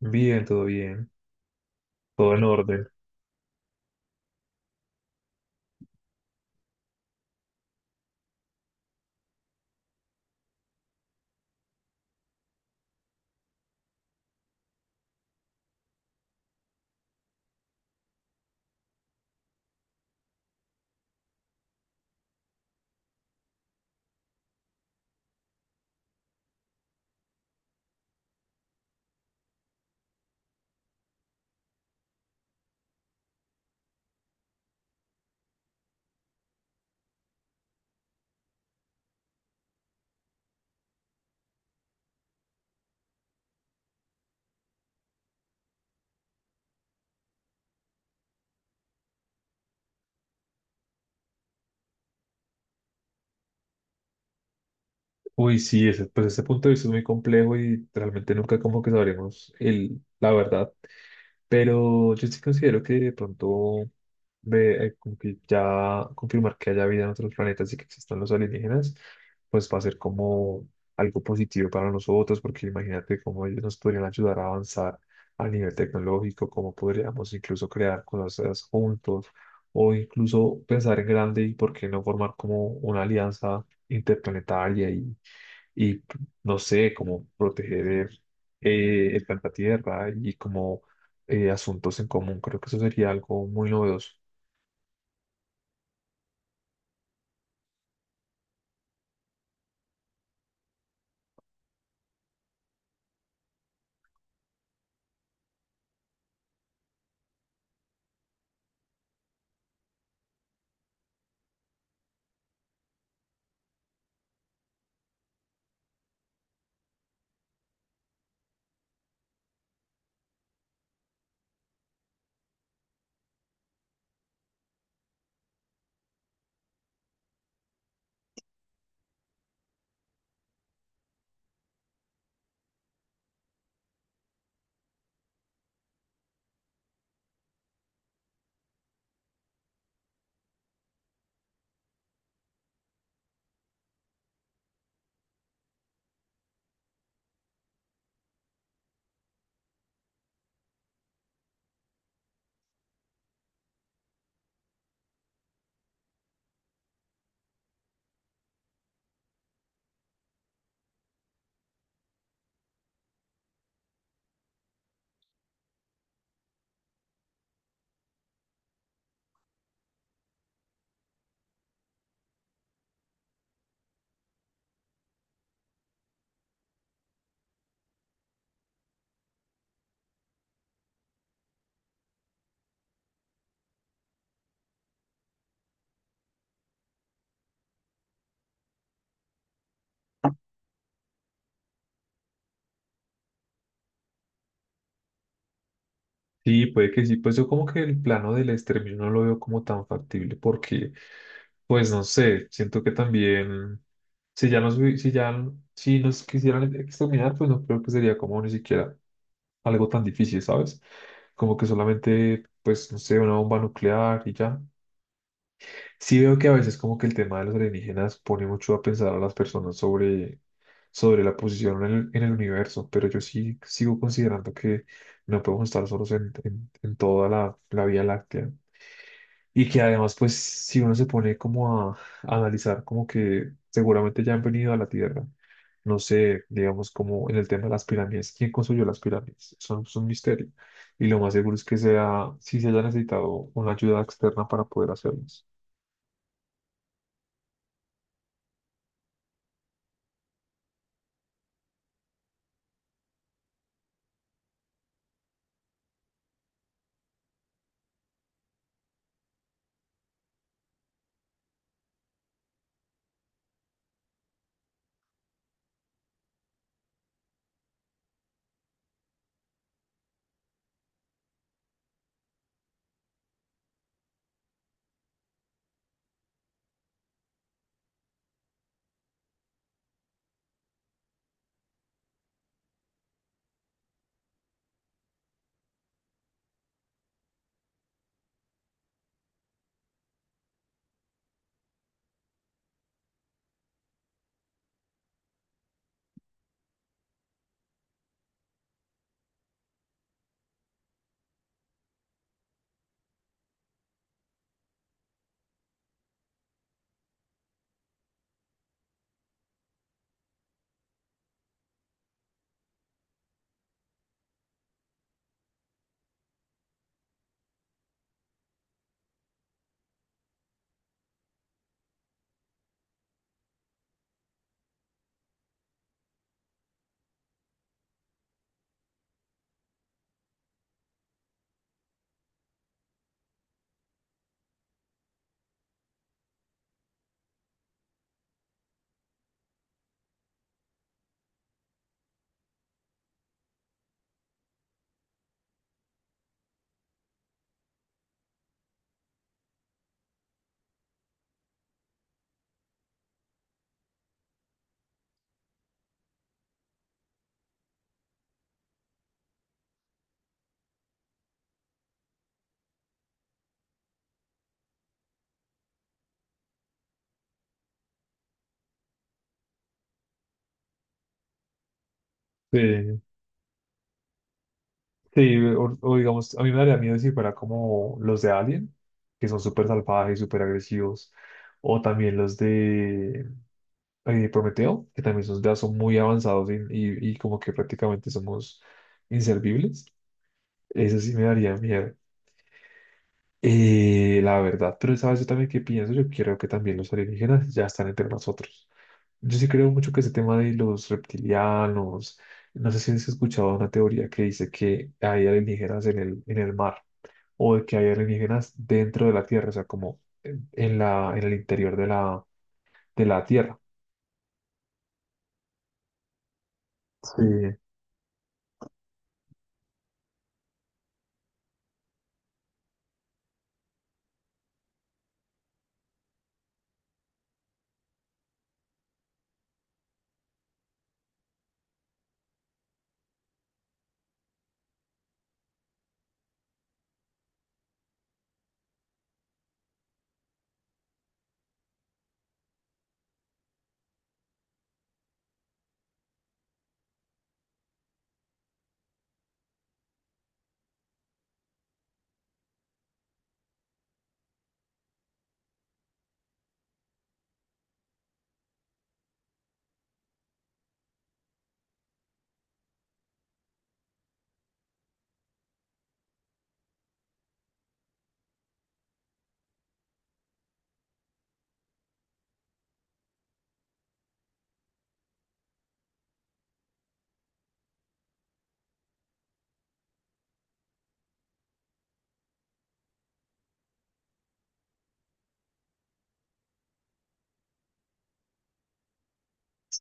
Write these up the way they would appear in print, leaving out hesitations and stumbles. Bien, todo en orden. Uy, sí, ese, pues ese punto de vista es muy complejo y realmente nunca como que sabremos la verdad. Pero yo sí considero que de pronto como que ya confirmar que haya vida en otros planetas y que existan los alienígenas, pues va a ser como algo positivo para nosotros, porque imagínate cómo ellos nos podrían ayudar a avanzar a nivel tecnológico, cómo podríamos incluso crear cosas juntos o incluso pensar en grande y por qué no formar como una alianza interplanetaria y no sé, como proteger el planeta Tierra y como asuntos en común. Creo que eso sería algo muy novedoso. Sí, puede que sí, pues yo como que el plano del exterminio no lo veo como tan factible porque, pues no sé, siento que también si ya nos, hubi- si ya, si nos quisieran exterminar, pues no creo que sería como ni siquiera algo tan difícil, ¿sabes? Como que solamente, pues, no sé, una bomba nuclear y ya. Sí veo que a veces como que el tema de los alienígenas pone mucho a pensar a las personas sobre la posición en en el universo, pero yo sí sigo considerando que no podemos estar solos en toda la Vía Láctea. Y que además, pues, si uno se pone como a analizar como que seguramente ya han venido a la Tierra, no sé, digamos como en el tema de las pirámides, ¿quién construyó las pirámides? Son es un misterio. Y lo más seguro es que sea, si se haya necesitado una ayuda externa para poder hacerlas. Sí. Sí, o digamos, a mí me daría miedo si fuera como los de Alien, que son súper salvajes, súper agresivos, o también los de Prometeo, que también son, ya son muy avanzados y como que prácticamente somos inservibles. Eso sí me daría miedo, la verdad. Pero sabes, yo también que pienso, yo creo que también los alienígenas ya están entre nosotros. Yo sí creo mucho que ese tema de los reptilianos, no sé si has escuchado una teoría que dice que hay alienígenas en en el mar o de que hay alienígenas dentro de la Tierra, o sea, como en el interior de de la Tierra. Sí.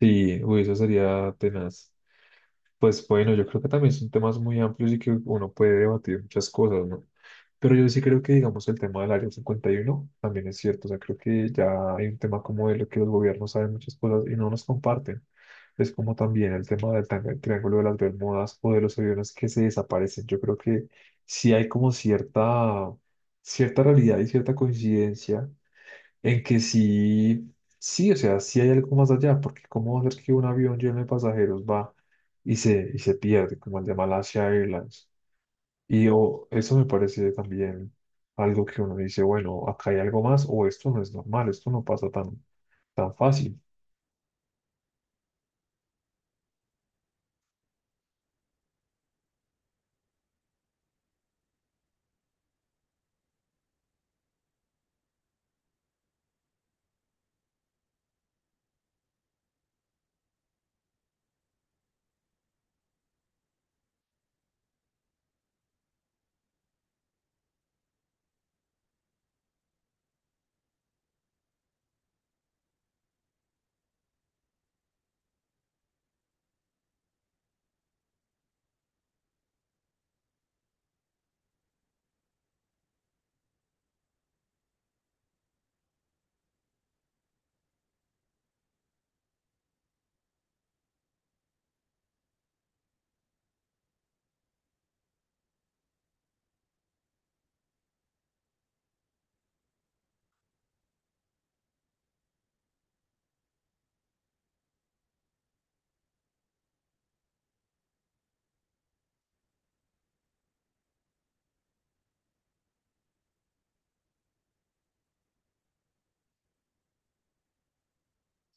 Sí, uy, eso sería tenaz. Pues bueno, yo creo que también son temas muy amplios y que uno puede debatir muchas cosas, ¿no? Pero yo sí creo que, digamos, el tema del Área 51 también es cierto. O sea, creo que ya hay un tema como de lo que los gobiernos saben muchas cosas y no nos comparten. Es como también el tema Triángulo de las Bermudas o de los aviones que se desaparecen. Yo creo que sí hay como cierta realidad y cierta coincidencia en que sí, o sea, sí hay algo más allá, porque ¿cómo va a ser que un avión lleno de pasajeros va y se pierde, como el de Malaysia Airlines? Y o eso me parece también algo que uno dice, bueno, acá hay algo más, o esto no es normal, esto no pasa tan fácil.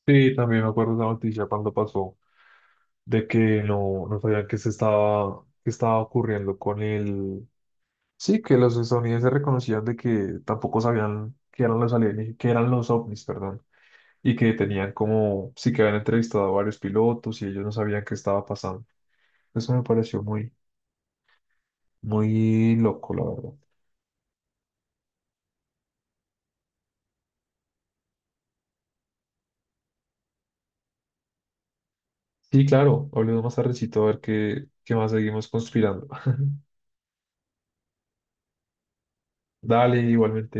Sí, también me acuerdo de la noticia cuando pasó, de que no sabían qué se estaba, qué estaba ocurriendo con el... Sí, que los estadounidenses reconocían de que tampoco sabían qué eran los alienígenas, qué eran los ovnis, perdón y que tenían como, sí que habían entrevistado a varios pilotos y ellos no sabían qué estaba pasando. Eso me pareció muy, muy loco, la verdad. Sí, claro, hablemos más tardecito a ver qué, qué más seguimos conspirando. Dale, igualmente.